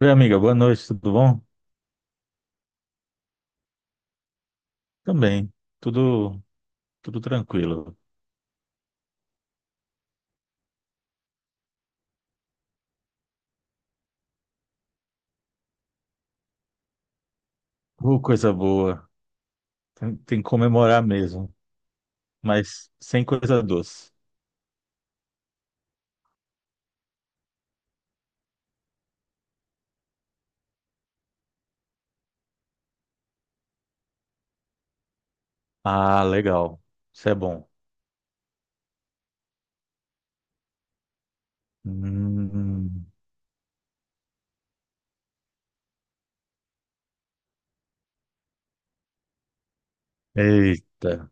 Oi, amiga, boa noite, tudo bom? Também, tudo tudo tranquilo. Coisa boa. Tem que comemorar mesmo, mas sem coisa doce. Ah, legal. Isso é bom. Hum. Eita.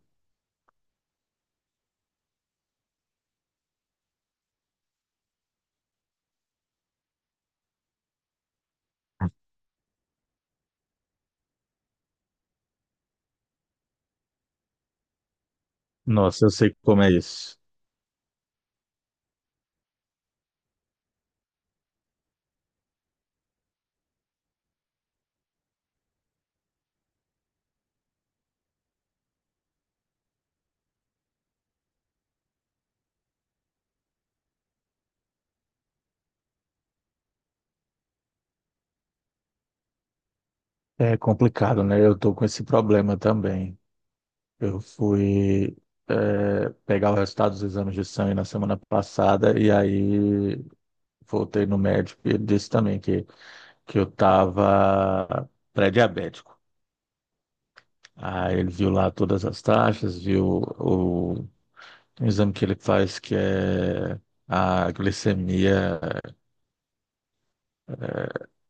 Nossa, eu sei como é isso. É complicado, né? Eu tô com esse problema também. Eu fui pegar o resultado dos exames de sangue na semana passada e aí voltei no médico e ele disse também que eu tava pré-diabético. Aí ele viu lá todas as taxas, viu o exame que ele faz, que é a glicemia,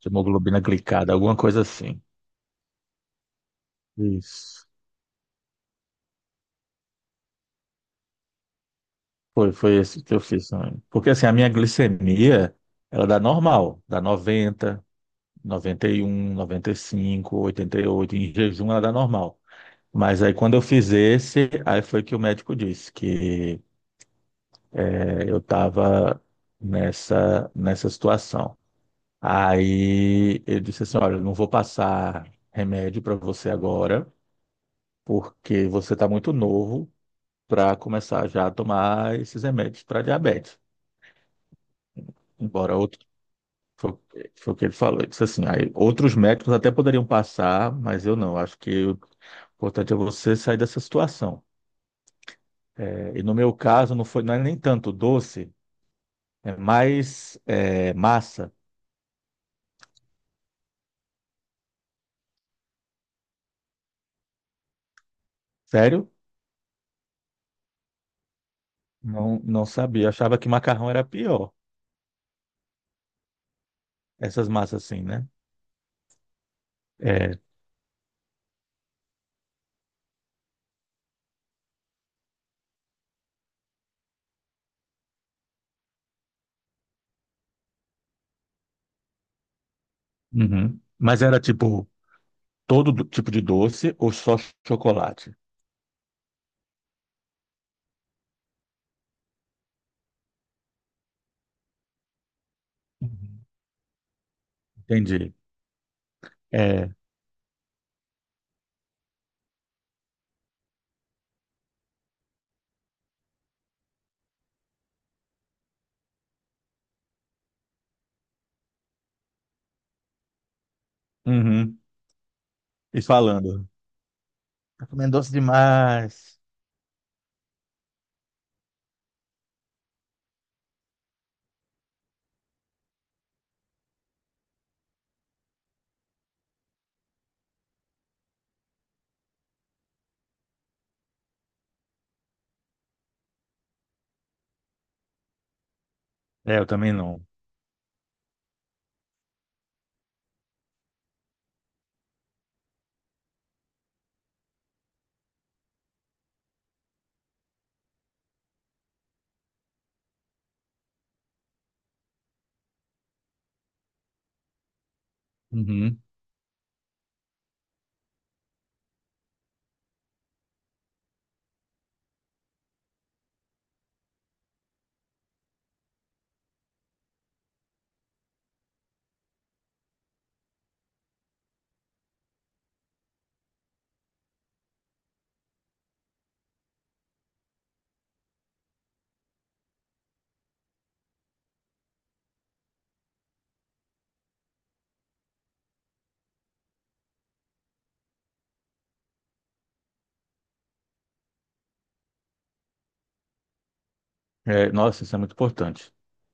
hemoglobina glicada, alguma coisa assim. Isso. Foi esse que eu fiz também. Porque assim, a minha glicemia, ela dá normal, dá 90, 91, 95, 88, em jejum ela dá normal. Mas aí quando eu fiz esse, aí foi que o médico disse que eu estava nessa situação. Aí eu disse assim: olha, eu não vou passar remédio para você agora, porque você está muito novo para começar já a tomar esses remédios para diabetes. Embora outro. Foi, foi o que ele falou. Ele disse assim: aí, outros médicos até poderiam passar, mas eu não. Acho que o importante é você sair dessa situação. E no meu caso, não foi, não é nem tanto doce, é mais massa. Sério? Não, não sabia. Achava que macarrão era pior. Essas massas assim, né? É. Uhum. Mas era tipo tipo de doce ou só chocolate? Uhum. Entendi. É. Uhum. E falando. Tá comendo doce demais. É, eu também não. Uhum. É, nossa, isso é muito importante.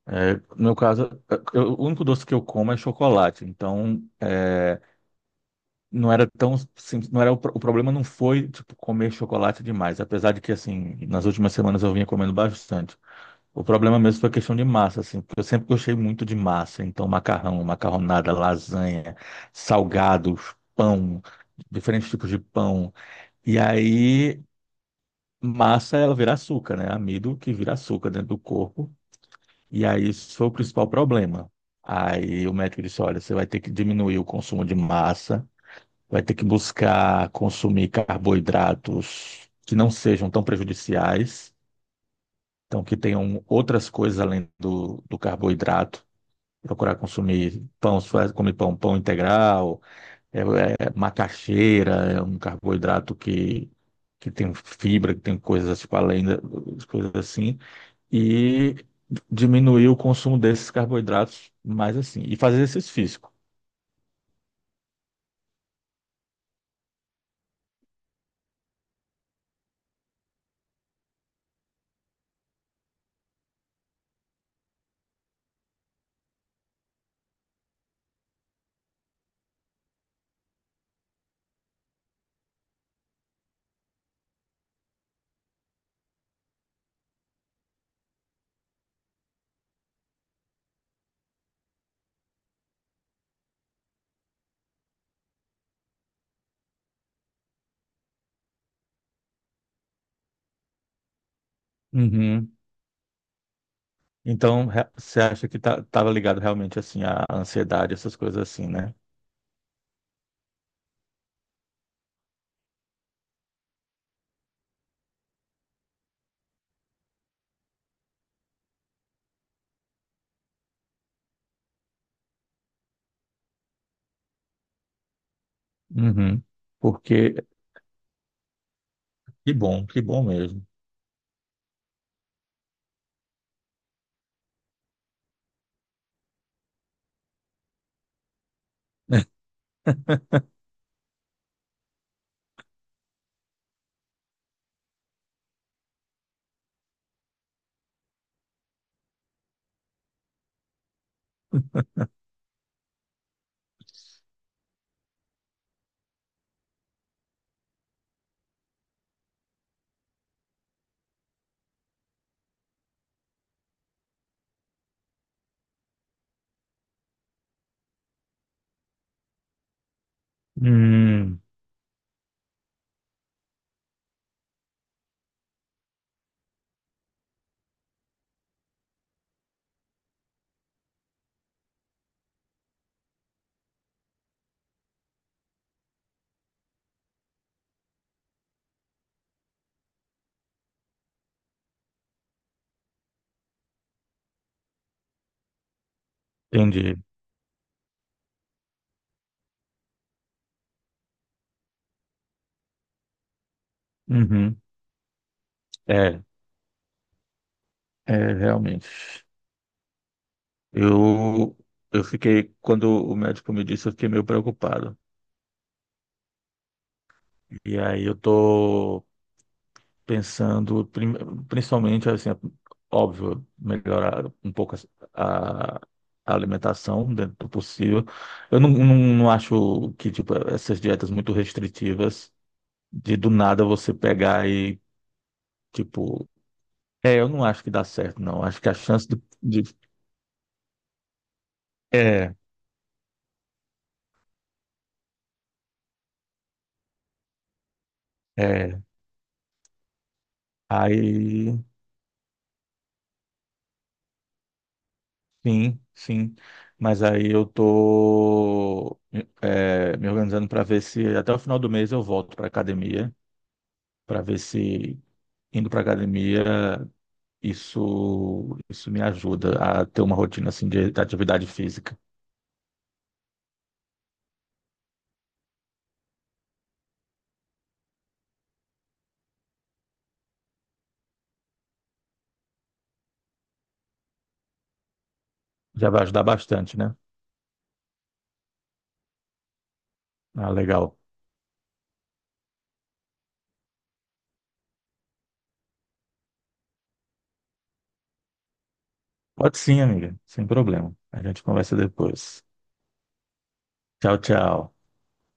É, no meu caso, o único doce que eu como é chocolate. Então, é, não era tão simples. Não era o problema não foi tipo comer chocolate demais, apesar de que assim, nas últimas semanas eu vinha comendo bastante. O problema mesmo foi a questão de massa, assim, porque eu sempre gostei muito de massa, então macarrão, macarronada, lasanha, salgados, pão, diferentes tipos de pão. E aí massa ela vira açúcar, né? Amido que vira açúcar dentro do corpo. E aí isso foi o principal problema. Aí o médico disse, olha, você vai ter que diminuir o consumo de massa, vai ter que buscar consumir carboidratos que não sejam tão prejudiciais, então que tenham outras coisas além do carboidrato. Procurar consumir pão, se faz comer pão, pão integral, macaxeira, é um carboidrato que tem fibra, que tem coisas tipo além da, coisas assim, e diminuir o consumo desses carboidratos mais assim, e fazer exercício físico. Uhum. Então, você acha que tá, tava ligado realmente assim à ansiedade, essas coisas assim, né? Uhum. Porque que bom mesmo. Hum, entendi. Uhum. É, é realmente. Eu eu fiquei quando o médico me disse, eu fiquei meio preocupado. E aí eu tô pensando principalmente assim, é óbvio, melhorar um pouco a alimentação dentro do possível. Eu não, não, não acho que tipo essas dietas muito restritivas de do nada você pegar e tipo, é, eu não acho que dá certo, não. Acho que a chance de- é, é, aí sim, sim. Mas aí eu tô me organizando para ver se até o final do mês eu volto para academia, para ver se indo para academia, isso me ajuda a ter uma rotina assim de atividade física. Já vai ajudar bastante, né? Ah, legal. Pode sim, amiga, sem problema. A gente conversa depois. Tchau, tchau.